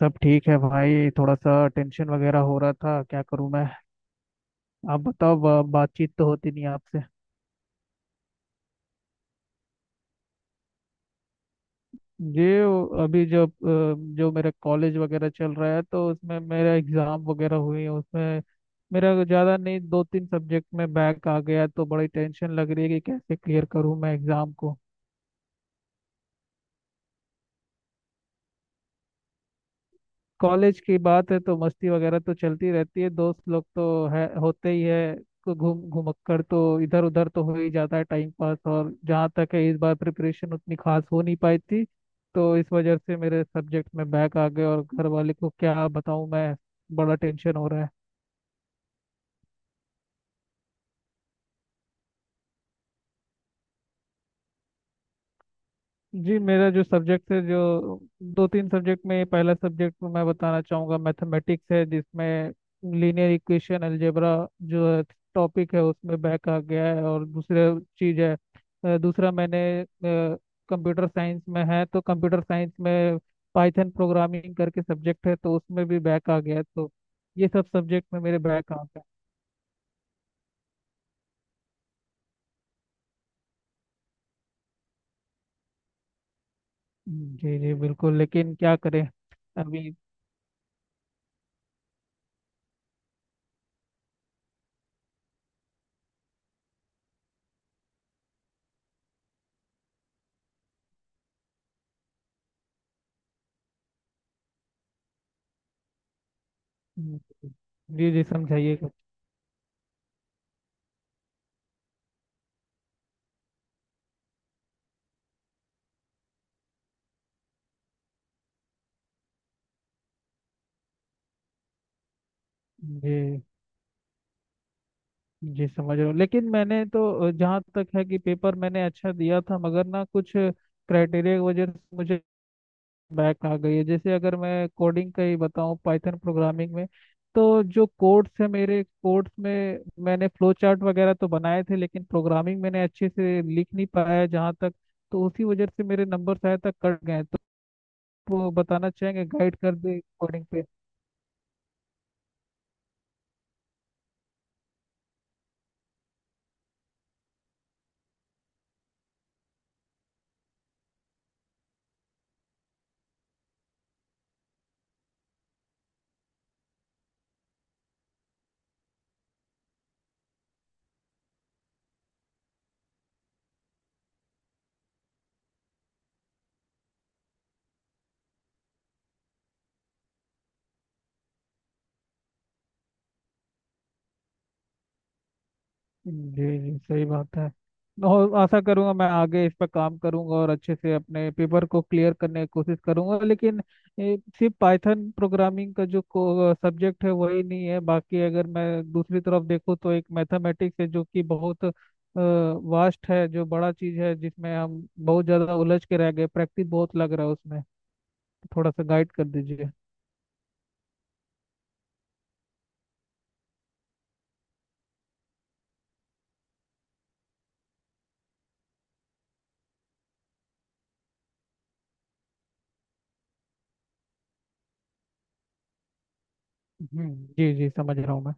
सब ठीक है भाई। थोड़ा सा टेंशन वगैरह हो रहा था, क्या करूं मैं। आप बताओ, बातचीत तो होती नहीं आपसे। ये अभी जब जो मेरा कॉलेज वगैरह चल रहा है, तो उसमें मेरा एग्जाम वगैरह हुई है, उसमें मेरा ज़्यादा नहीं, दो तीन सब्जेक्ट में बैक आ गया, तो बड़ी टेंशन लग रही है कि कैसे क्लियर करूं मैं एग्जाम को। कॉलेज की बात है तो मस्ती वगैरह तो चलती रहती है, दोस्त लोग तो है, होते ही है। को घूम घुमक्कर तो इधर उधर तो हो ही जाता है टाइम पास। और जहाँ तक है, इस बार प्रिपरेशन उतनी खास हो नहीं पाई थी, तो इस वजह से मेरे सब्जेक्ट में बैक आ गए। और घर वाले को क्या बताऊँ मैं, बड़ा टेंशन हो रहा है। जी, मेरा जो सब्जेक्ट है, जो दो तीन सब्जेक्ट में, पहला सब्जेक्ट मैं बताना चाहूँगा मैथमेटिक्स है, जिसमें लीनियर इक्वेशन अलजेब्रा जो है टॉपिक है, उसमें बैक आ गया है। और दूसरा चीज़ है, दूसरा मैंने कंप्यूटर साइंस में है, तो कंप्यूटर साइंस में पाइथन प्रोग्रामिंग करके सब्जेक्ट है, तो उसमें भी बैक आ गया है। तो ये सब सब्जेक्ट में मेरे बैक आ गया। जी जी बिल्कुल, लेकिन क्या करें। अभी जी जी समझाइए कुछ। जी जी, समझ रहा हूँ, लेकिन मैंने तो, जहाँ तक है कि पेपर मैंने अच्छा दिया था, मगर ना कुछ क्राइटेरिया की वजह से मुझे बैक आ गई है। जैसे अगर मैं कोडिंग का ही बताऊँ, पाइथन प्रोग्रामिंग में, तो जो कोड्स है मेरे कोड्स में, मैंने फ्लो चार्ट वगैरह तो बनाए थे, लेकिन प्रोग्रामिंग मैंने अच्छे से लिख नहीं पाया जहाँ तक। तो उसी वजह से मेरे नंबर शायद तक कट गए हैं। तो वो बताना चाहेंगे, गाइड कर दे कोडिंग पे। जी जी सही बात है। और आशा करूंगा मैं आगे इस पर काम करूंगा और अच्छे से अपने पेपर को क्लियर करने की कोशिश करूंगा। लेकिन सिर्फ पाइथन प्रोग्रामिंग का जो सब्जेक्ट है वही नहीं है, बाकी अगर मैं दूसरी तरफ देखूँ तो एक मैथमेटिक्स है जो कि बहुत वास्ट है, जो बड़ा चीज है, जिसमें हम बहुत ज्यादा उलझ के रह गए। प्रैक्टिस बहुत लग रहा है उसमें, थोड़ा सा गाइड कर दीजिए। हम्म, जी जी समझ रहा हूँ मैं।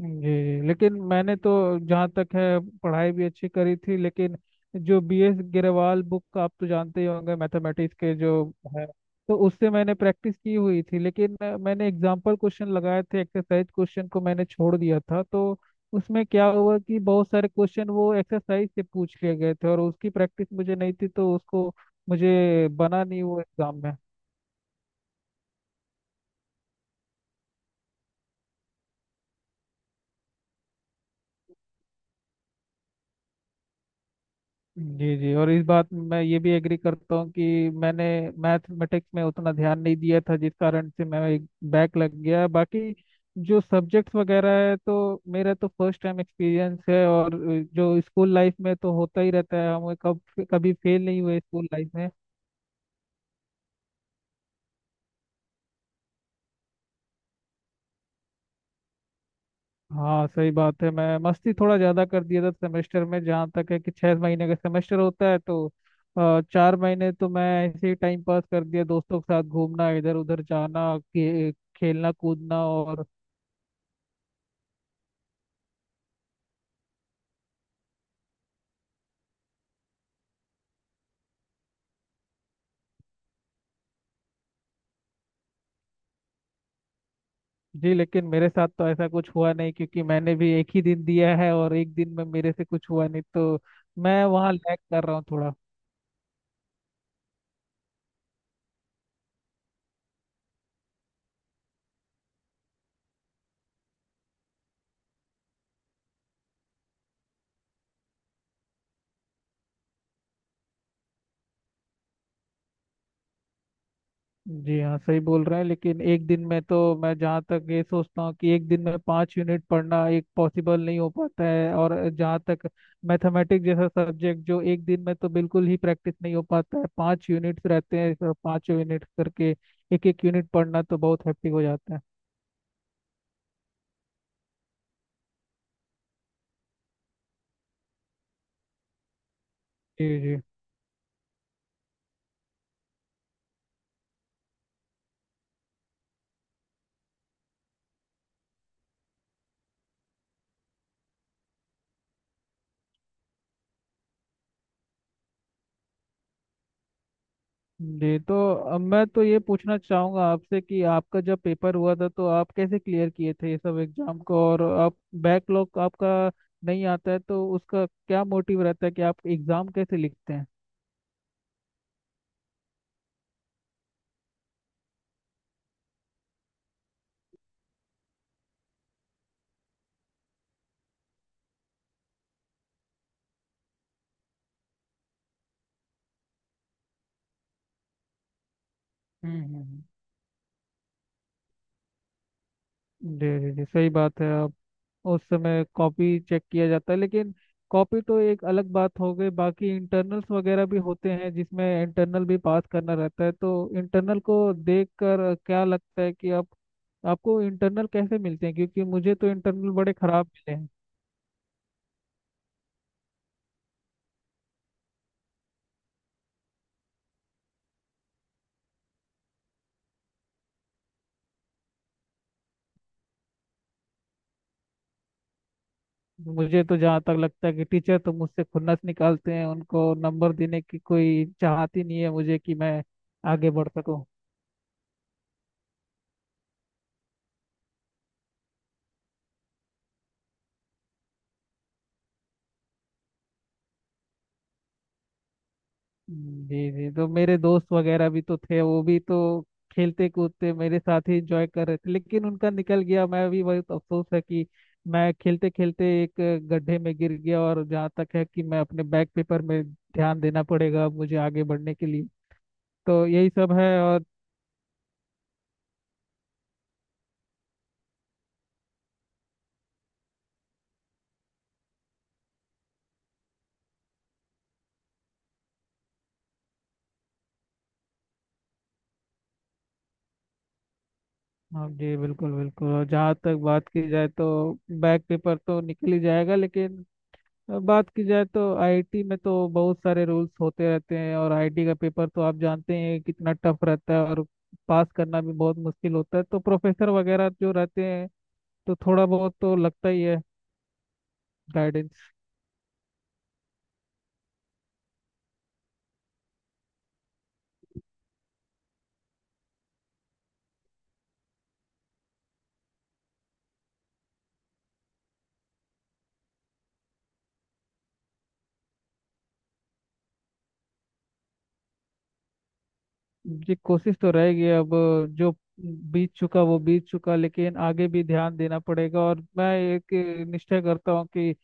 जी लेकिन मैंने तो जहाँ तक है पढ़ाई भी अच्छी करी थी लेकिन, जो बी एस गिरवाल बुक का आप तो जानते ही होंगे मैथमेटिक्स के जो है, तो उससे मैंने प्रैक्टिस की हुई थी। लेकिन मैंने एग्जाम्पल क्वेश्चन लगाए थे, एक्सरसाइज क्वेश्चन को मैंने छोड़ दिया था। तो उसमें क्या हुआ कि बहुत सारे क्वेश्चन वो एक्सरसाइज से पूछ लिए गए थे और उसकी प्रैक्टिस मुझे नहीं थी, तो उसको मुझे बना नहीं वो एग्जाम में। जी जी, और इस बात में मैं ये भी एग्री करता हूँ कि मैंने मैथमेटिक्स में उतना ध्यान नहीं दिया था, जिस कारण से मैं एक बैक लग गया। बाकी जो सब्जेक्ट्स वगैरह है, तो मेरा तो फर्स्ट टाइम एक्सपीरियंस है। और जो स्कूल लाइफ में तो होता ही रहता है, हम कब कभी फेल नहीं हुए स्कूल लाइफ में। हाँ सही बात है, मैं मस्ती थोड़ा ज्यादा कर दिया था सेमेस्टर में। जहाँ तक है कि 6 महीने का सेमेस्टर होता है, तो 4 महीने तो मैं ऐसे ही टाइम पास कर दिया, दोस्तों के साथ घूमना, इधर उधर जाना, खेलना कूदना और। जी लेकिन मेरे साथ तो ऐसा कुछ हुआ नहीं, क्योंकि मैंने भी एक ही दिन दिया है और एक दिन में मेरे से कुछ हुआ नहीं, तो मैं वहाँ लैग कर रहा हूँ थोड़ा। जी हाँ सही बोल रहे हैं, लेकिन एक दिन में तो मैं जहाँ तक ये सोचता हूँ कि एक दिन में 5 यूनिट पढ़ना एक पॉसिबल नहीं हो पाता है। और जहाँ तक मैथमेटिक्स जैसा सब्जेक्ट, जो एक दिन में तो बिल्कुल ही प्रैक्टिस नहीं हो पाता है, 5 यूनिट्स रहते हैं, पाँचों यूनिट करके एक एक यूनिट पढ़ना तो बहुत हैप्पी हो जाता है। जी जी जी। तो अब मैं तो ये पूछना चाहूंगा आपसे कि आपका जब पेपर हुआ था तो आप कैसे क्लियर किए थे ये सब एग्जाम को, और आप बैकलॉग आपका नहीं आता है, तो उसका क्या मोटिव रहता है कि आप एग्जाम कैसे लिखते हैं। हम्म हम्म, हम्म। जी जी जी सही बात है। उस समय कॉपी चेक किया जाता है, लेकिन कॉपी तो एक अलग बात हो गई, बाकी इंटरनल्स वगैरह भी होते हैं जिसमें इंटरनल भी पास करना रहता है। तो इंटरनल को देखकर क्या लगता है कि आप, आपको इंटरनल कैसे मिलते हैं, क्योंकि मुझे तो इंटरनल बड़े खराब मिले हैं। मुझे तो जहाँ तक लगता है कि टीचर तो मुझसे खुन्नस निकालते हैं, उनको नंबर देने की कोई चाहत ही नहीं है मुझे कि मैं आगे बढ़ सकूं। जी जी, तो मेरे दोस्त वगैरह भी तो थे, वो भी तो खेलते कूदते मेरे साथ ही एंजॉय कर रहे थे, लेकिन उनका निकल गया। मैं भी बहुत अफसोस है कि मैं खेलते खेलते एक गड्ढे में गिर गया। और जहाँ तक है कि मैं अपने बैक पेपर में ध्यान देना पड़ेगा मुझे आगे बढ़ने के लिए। तो यही सब है। और हाँ जी, बिल्कुल बिल्कुल। और जहाँ तक बात की जाए तो बैक पेपर तो निकल ही जाएगा, लेकिन अब बात की जाए तो आईआईटी में तो बहुत सारे रूल्स होते रहते हैं, और आईआईटी का पेपर तो आप जानते हैं कितना टफ रहता है और पास करना भी बहुत मुश्किल होता है। तो प्रोफेसर वगैरह जो रहते हैं, तो थोड़ा बहुत तो लगता ही है गाइडेंस। जी कोशिश तो रहेगी। अब जो बीत चुका वो बीत चुका, लेकिन आगे भी ध्यान देना पड़ेगा। और मैं एक निश्चय करता हूँ कि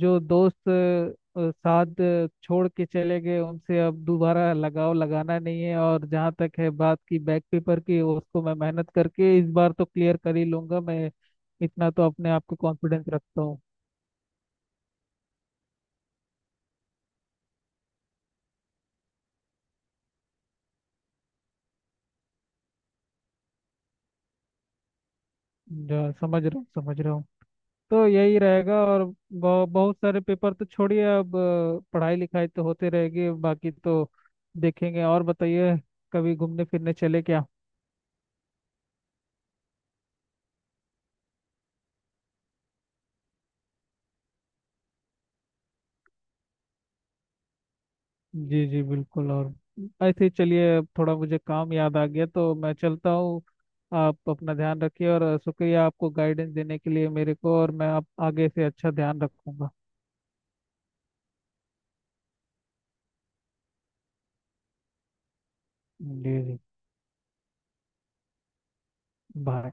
जो दोस्त साथ छोड़ के चले गए उनसे अब दोबारा लगाव लगाना नहीं है। और जहाँ तक है बात की बैक पेपर की, उसको मैं मेहनत करके इस बार तो क्लियर कर ही लूंगा। मैं इतना तो अपने आप को कॉन्फिडेंस रखता हूँ। जो समझ रहा हूँ समझ रहा हूँ। तो यही रहेगा। और बहुत सारे पेपर तो छोड़िए। अब पढ़ाई लिखाई तो होते रहेगी, बाकी तो देखेंगे। और बताइए कभी घूमने फिरने चले क्या। जी जी बिल्कुल। और ऐसे ही चलिए, अब थोड़ा मुझे काम याद आ गया तो मैं चलता हूँ। आप अपना ध्यान रखिए, और शुक्रिया आपको गाइडेंस देने के लिए मेरे को, और मैं आप आगे से अच्छा ध्यान रखूंगा। जी जी। बाय।